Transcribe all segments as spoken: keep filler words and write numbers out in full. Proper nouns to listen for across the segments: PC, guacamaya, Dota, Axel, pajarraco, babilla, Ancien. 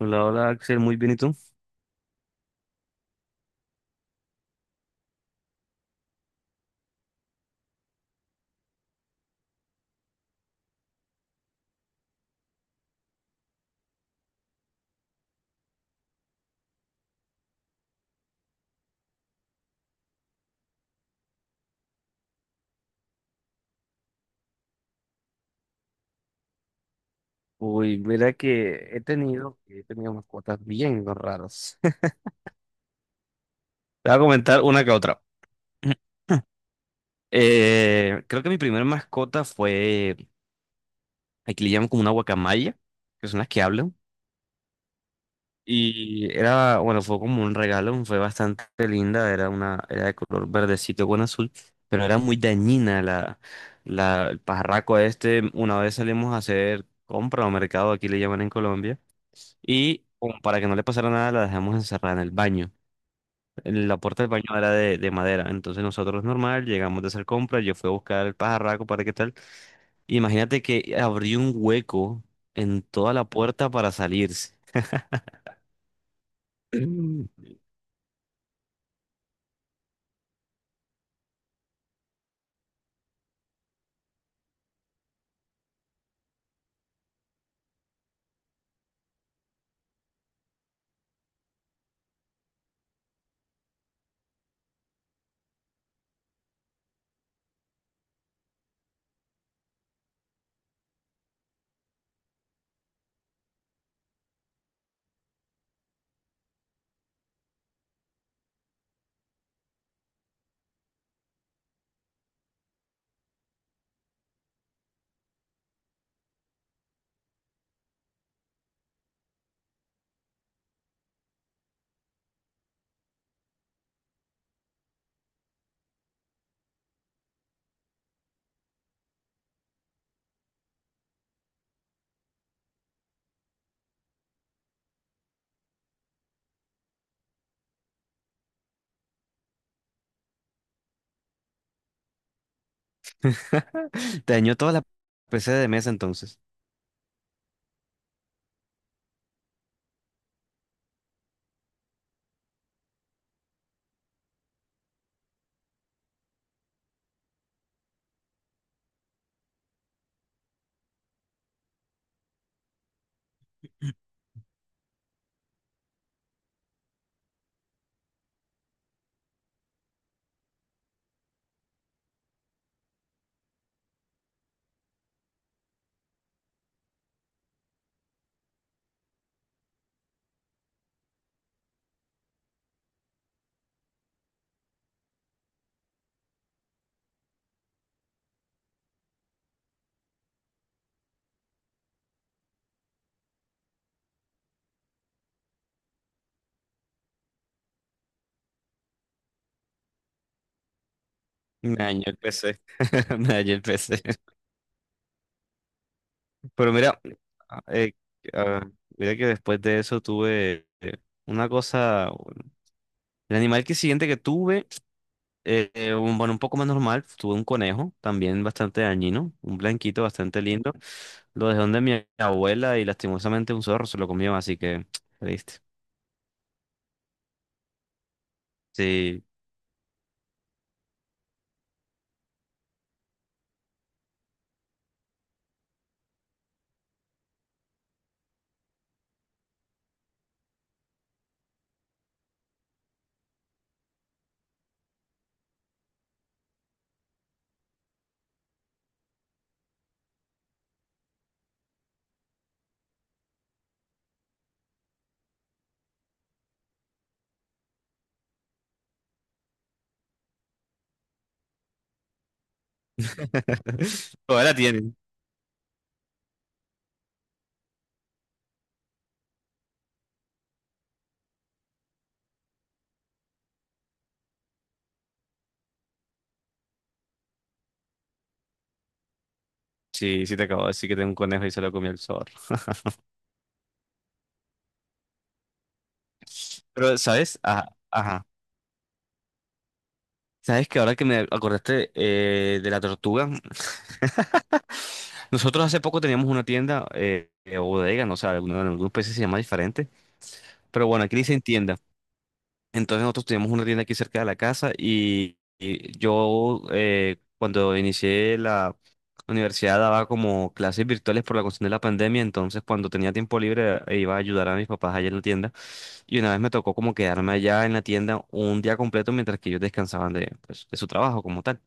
Hola, hola Axel, muy bien, ¿y tú? Uy, mira que he tenido, he tenido mascotas bien raras. Te voy a comentar una que otra. Eh, creo que mi primera mascota fue, aquí le llaman como una guacamaya, que son las que hablan. Y era, bueno, fue como un regalo, fue bastante linda, era una, era de color verdecito con azul, pero era muy dañina la, la, el pajarraco este. Una vez salimos a hacer compra o mercado, aquí le llaman en Colombia. Y como para que no le pasara nada, la dejamos encerrada en el baño. El- La puerta del baño era de, de madera, entonces nosotros normal, llegamos de hacer compras, yo fui a buscar el pajarraco para qué tal. Imagínate que abrió un hueco en toda la puerta para salirse. Mm. Dañó toda la P C de mesa entonces. Me dañó el P C. Me dañó el P C. Pero mira, eh, ah, mira que después de eso tuve eh, una cosa. El animal que siguiente que tuve. Eh, eh, un, bueno, un poco más normal, tuve un conejo también bastante dañino, un blanquito bastante lindo. Lo dejé donde mi abuela y lastimosamente un zorro se lo comió, así que triste. Sí. Todavía la tienen. Sí, sí te acabo de decir que tengo un conejo y se lo comió el zorro. Pero, ¿sabes? Ajá, ajá. ¿Sabes que ahora que me acordaste eh, de la tortuga? Nosotros hace poco teníamos una tienda, eh, eh, bodega, no sé, alguna- en algunos países se llama diferente. Pero bueno, aquí le dicen tienda. Entonces nosotros teníamos una tienda aquí cerca de la casa, y, y yo eh, cuando inicié la universidad daba como clases virtuales por la cuestión de la pandemia, entonces cuando tenía tiempo libre eh, iba a ayudar a mis papás allá en la tienda, y una vez me tocó como quedarme allá en la tienda un día completo mientras que ellos descansaban de, pues, de su trabajo como tal,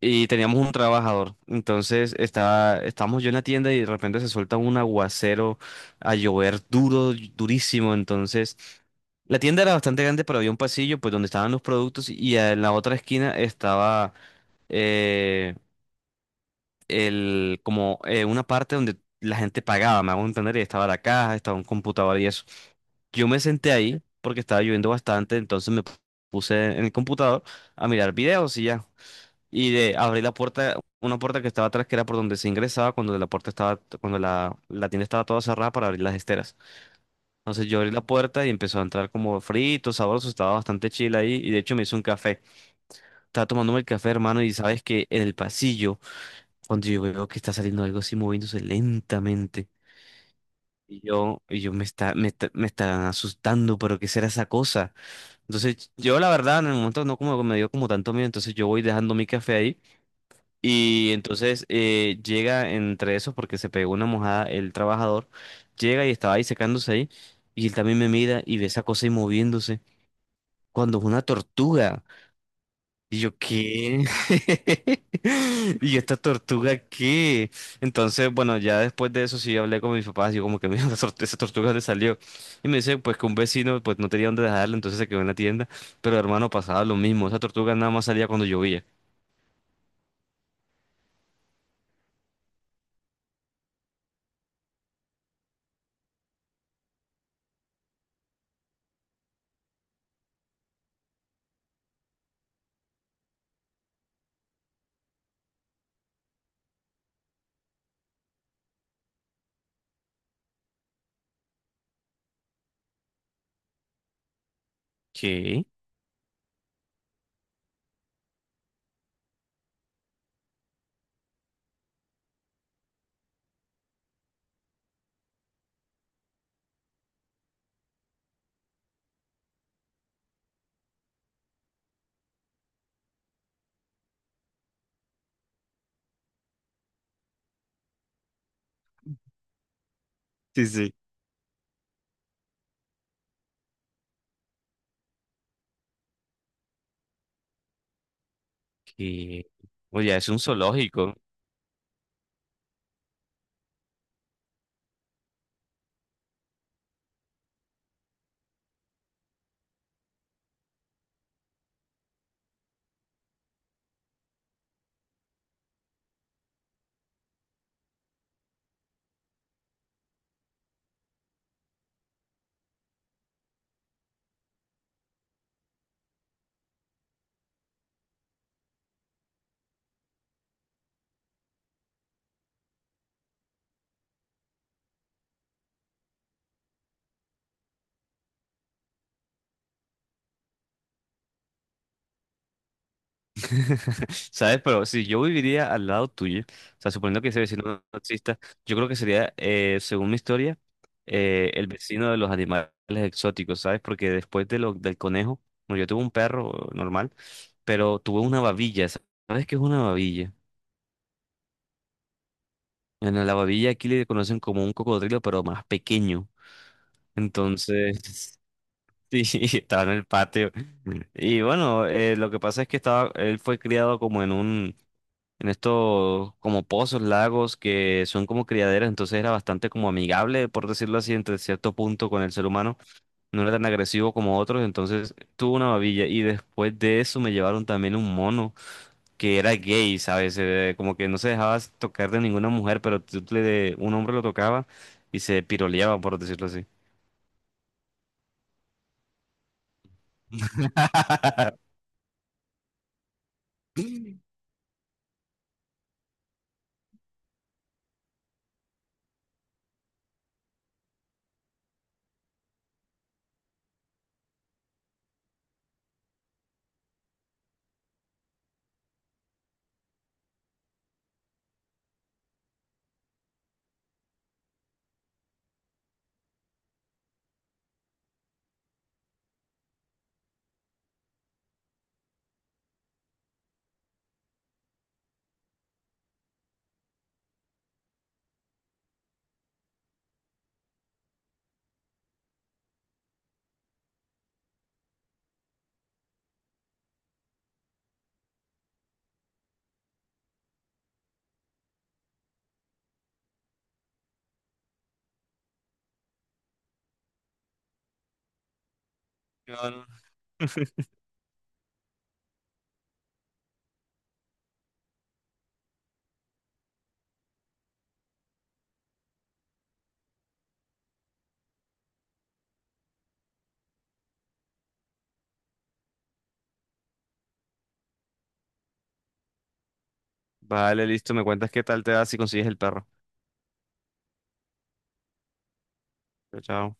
y teníamos un trabajador. Entonces estaba, estábamos yo en la tienda y de repente se suelta un aguacero a llover duro, durísimo. Entonces la tienda era bastante grande, pero había un pasillo pues donde estaban los productos, y en la otra esquina estaba eh, el, como eh, una parte donde la gente pagaba, me hago entender, y estaba la caja, estaba un computador y eso. Yo me senté ahí porque estaba lloviendo bastante, entonces me puse en el computador a mirar videos y ya, y de abrir la puerta, una puerta que estaba atrás, que era por donde se ingresaba cuando la puerta estaba, cuando la, la tienda estaba toda cerrada para abrir las esteras. Entonces yo abrí la puerta y empezó a entrar como frito, sabroso, estaba bastante chila ahí, y de hecho me hizo un café. Estaba tomándome el café, hermano, y sabes que en el pasillo, cuando yo veo que está saliendo algo así moviéndose lentamente. Y yo, y yo me está, me está, me está asustando, pero ¿qué será esa cosa? Entonces, yo la verdad, en el momento no como me dio como tanto miedo, entonces yo voy dejando mi café ahí. Y entonces eh, llega entre esos, porque se pegó una mojada el trabajador, llega y estaba ahí secándose ahí, y él también me mira y ve esa cosa ahí moviéndose, cuando es una tortuga. Y yo, ¿qué? ¿Y yo, esta tortuga qué? Entonces, bueno, ya después de eso sí hablé con mis papás, yo como que mira, la tor- esa tortuga le salió. Y me dice, pues que un vecino pues no tenía dónde dejarla, entonces se quedó en la tienda, pero hermano, pasaba lo mismo, esa tortuga nada más salía cuando llovía. ¿Qué? Sí, sí. Y, oye, es un zoológico, ¿sabes? Pero si yo viviría al lado tuyo, o sea, suponiendo que ese vecino no exista, yo creo que sería, eh, según mi historia, eh, el vecino de los animales exóticos, ¿sabes? Porque después de lo, del conejo, bueno, yo tuve un perro normal, pero tuve una babilla, ¿sabes qué es una babilla? Bueno, la babilla aquí le conocen como un cocodrilo, pero más pequeño. Entonces, sí, estaba en el patio. Y bueno, eh, lo que pasa es que estaba, él fue criado como en un, en estos como pozos, lagos, que son como criaderas, entonces era bastante como amigable, por decirlo así, entre cierto punto con el ser humano. No era tan agresivo como otros, entonces tuvo una babilla. Y después de eso me llevaron también un mono que era gay, ¿sabes? Eh, como que no se dejaba tocar de ninguna mujer, pero tú le- un hombre lo tocaba y se piroleaba, por decirlo así. No, vale, listo. Me cuentas qué tal te da si consigues el perro. Chao, chao.